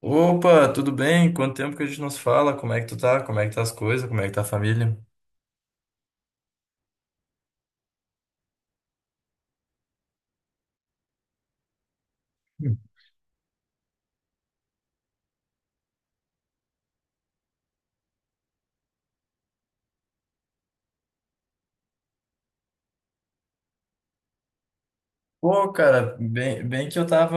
Opa, tudo bem? Quanto tempo que a gente não se fala? Como é que tu tá? Como é que tá as coisas? Como é que tá a família? Hum. Pô, cara, bem que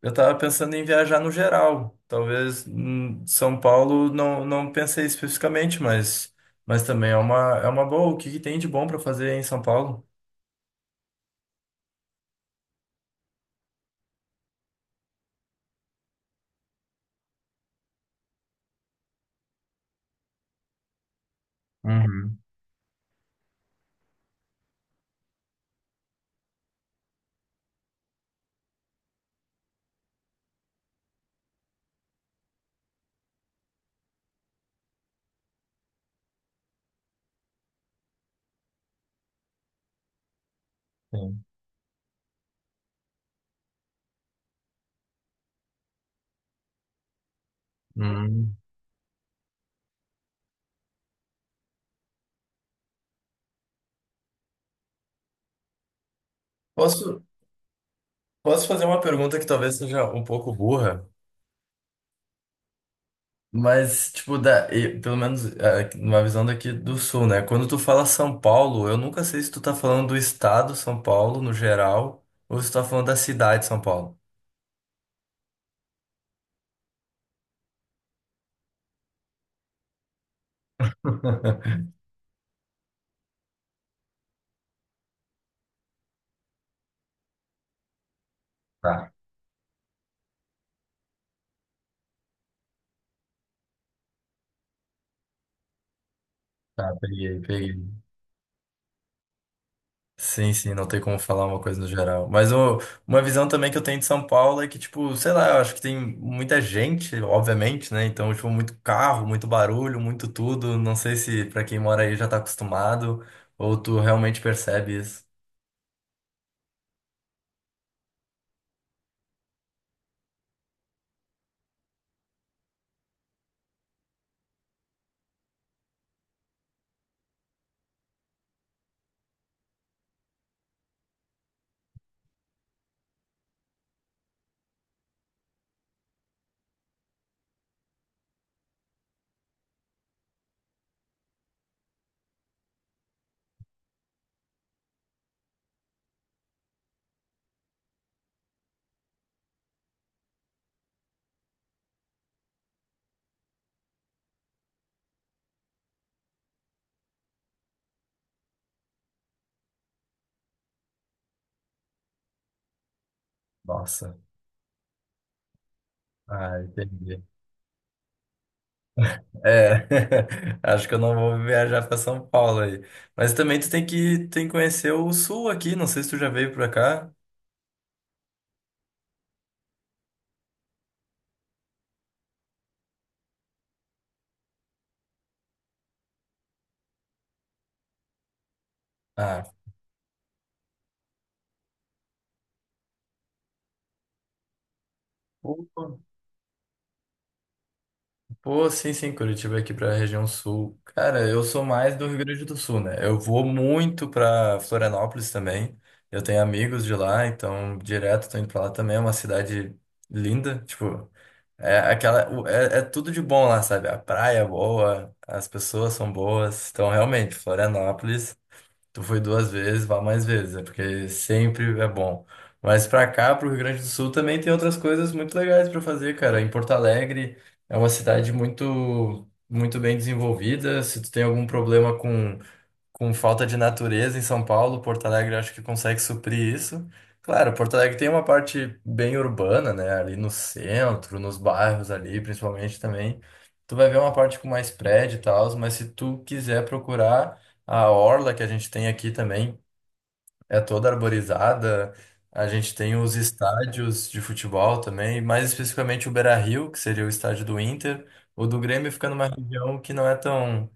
eu tava pensando em viajar no geral. Talvez São Paulo não, não pensei especificamente, mas também é é uma boa. O que que tem de bom para fazer em São Paulo? Uhum. Sim. Hum. Posso, posso fazer uma pergunta que talvez seja um pouco burra? Mas, tipo, da, e, pelo menos numa visão daqui do sul, né? Quando tu fala São Paulo, eu nunca sei se tu tá falando do estado São Paulo, no geral, ou se tu tá falando da cidade de São Paulo. Tá, tá, peguei, peguei. Sim, sim, não tem como falar uma coisa no geral. Mas ô, uma visão também que eu tenho de São Paulo é que, tipo, sei lá, eu acho que tem muita gente, obviamente, né? Então, tipo, muito carro, muito barulho, muito tudo. Não sei se pra quem mora aí já tá acostumado, ou tu realmente percebe isso. Nossa. Ah, entendi. É, acho que eu não vou viajar para São Paulo aí. Mas também tu tem tem que conhecer o sul aqui, não sei se tu já veio para cá. Ah, pô, pô, sim, sim, Curitiba aqui para a região sul. Cara, eu sou mais do Rio Grande do Sul, né? Eu vou muito para Florianópolis também. Eu tenho amigos de lá, então direto tô indo para lá também. É uma cidade linda, tipo, é aquela, é tudo de bom lá, sabe? A praia é boa, as pessoas são boas. Então, realmente, Florianópolis. Tu foi 2 vezes, vá mais vezes, é porque sempre é bom. Mas pra cá, pro Rio Grande do Sul, também tem outras coisas muito legais pra fazer, cara. Em Porto Alegre é uma cidade muito, muito bem desenvolvida. Se tu tem algum problema com falta de natureza em São Paulo, Porto Alegre acho que consegue suprir isso. Claro, Porto Alegre tem uma parte bem urbana, né? Ali no centro, nos bairros ali, principalmente também. Tu vai ver uma parte com mais prédio e tal, mas se tu quiser procurar a orla que a gente tem aqui também, é toda arborizada. A gente tem os estádios de futebol também, mais especificamente o Beira-Rio, que seria o estádio do Inter. O do Grêmio fica numa região que não é tão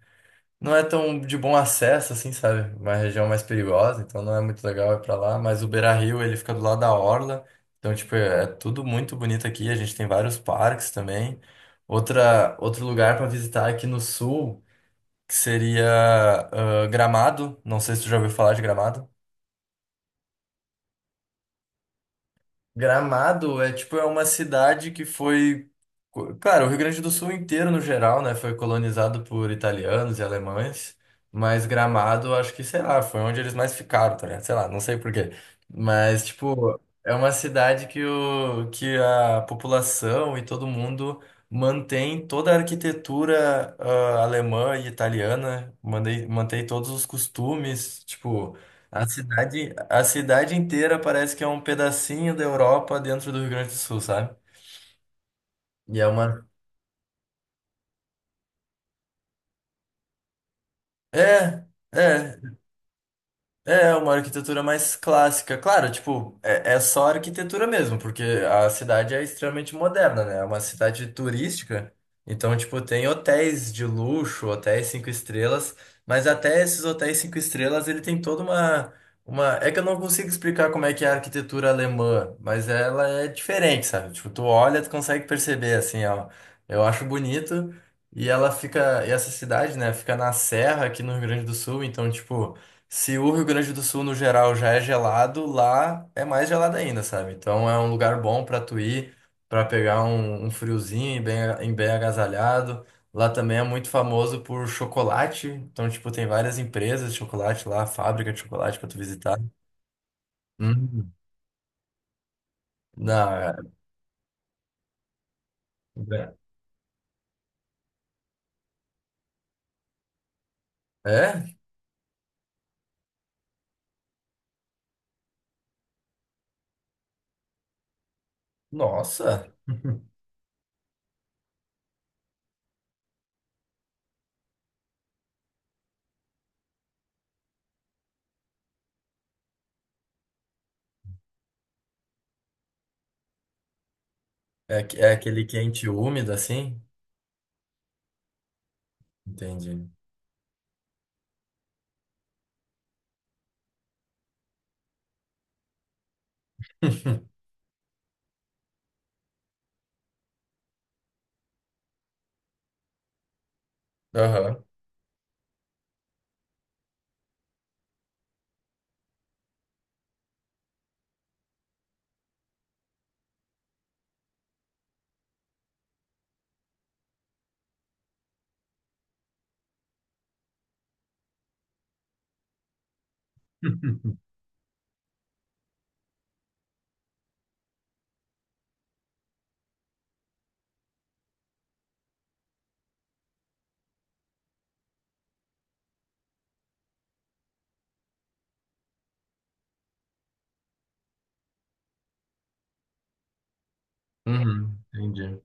não é tão de bom acesso, assim, sabe? Uma região mais perigosa, então não é muito legal ir pra lá. Mas o Beira-Rio, ele fica do lado da orla, então, tipo, é tudo muito bonito aqui. A gente tem vários parques também. Outro lugar pra visitar aqui no sul, que seria Gramado. Não sei se tu já ouviu falar de Gramado. Gramado é tipo é uma cidade que foi, co- claro, o Rio Grande do Sul inteiro no geral, né, foi colonizado por italianos e alemães, mas Gramado acho que, sei lá, foi onde eles mais ficaram, tá ligado? Sei lá, não sei por quê. Mas tipo, é uma cidade que o que a população e todo mundo mantém toda a arquitetura alemã e italiana, mantém todos os costumes, tipo a cidade inteira parece que é um pedacinho da Europa dentro do Rio Grande do Sul, sabe? E é uma. É, é, É uma arquitetura mais clássica. Claro, tipo, é só arquitetura mesmo, porque a cidade é extremamente moderna, né? É uma cidade turística. Então, tipo, tem hotéis de luxo, hotéis 5 estrelas, mas até esses hotéis 5 estrelas, ele tem toda uma... É que eu não consigo explicar como é que é a arquitetura alemã, mas ela é diferente, sabe? Tipo, tu olha, tu consegue perceber, assim, ó. Eu acho bonito. E ela fica... E essa cidade, né? Fica na serra aqui no Rio Grande do Sul, então, tipo... Se o Rio Grande do Sul, no geral, já é gelado, lá é mais gelado ainda, sabe? Então é um lugar bom pra tu ir, pra pegar um friozinho e e bem agasalhado. Lá também é muito famoso por chocolate. Então, tipo, tem várias empresas de chocolate lá, fábrica de chocolate pra tu visitar. Hum. Não, é... É? Nossa! É, que- é aquele quente e úmido, assim? Entendi. Aham. Uhum, entendi.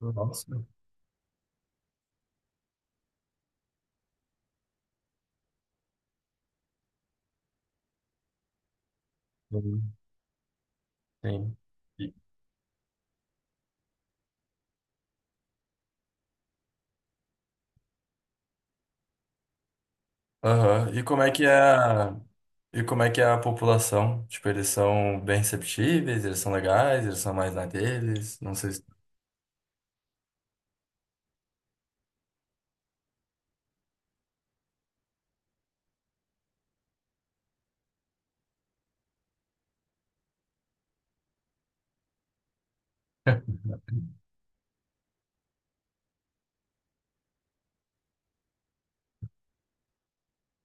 Nossa. Sim. E- Aham. E como é que é a... E como é que é a população? Tipo, eles são bem receptíveis, eles são legais, eles são mais na deles, não sei se...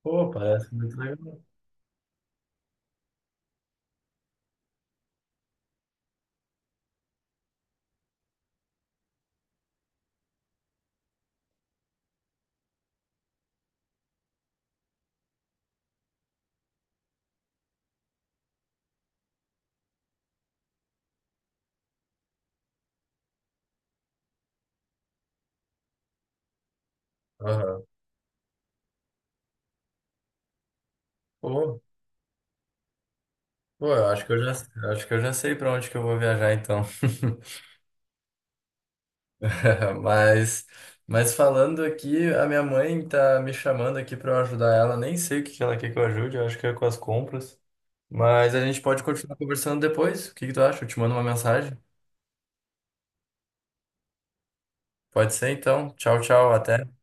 Pô, parece muito legal. Aham. Pô, pô, eu acho que eu já, acho que eu já sei para onde que eu vou viajar então. Mas, mas falando aqui, a minha mãe tá me chamando aqui para eu ajudar ela, nem sei o que que ela quer que eu ajude, eu acho que é com as compras. Mas a gente pode continuar conversando depois. O que que tu acha? Eu te mando uma mensagem. Pode ser então. Tchau, tchau. Até.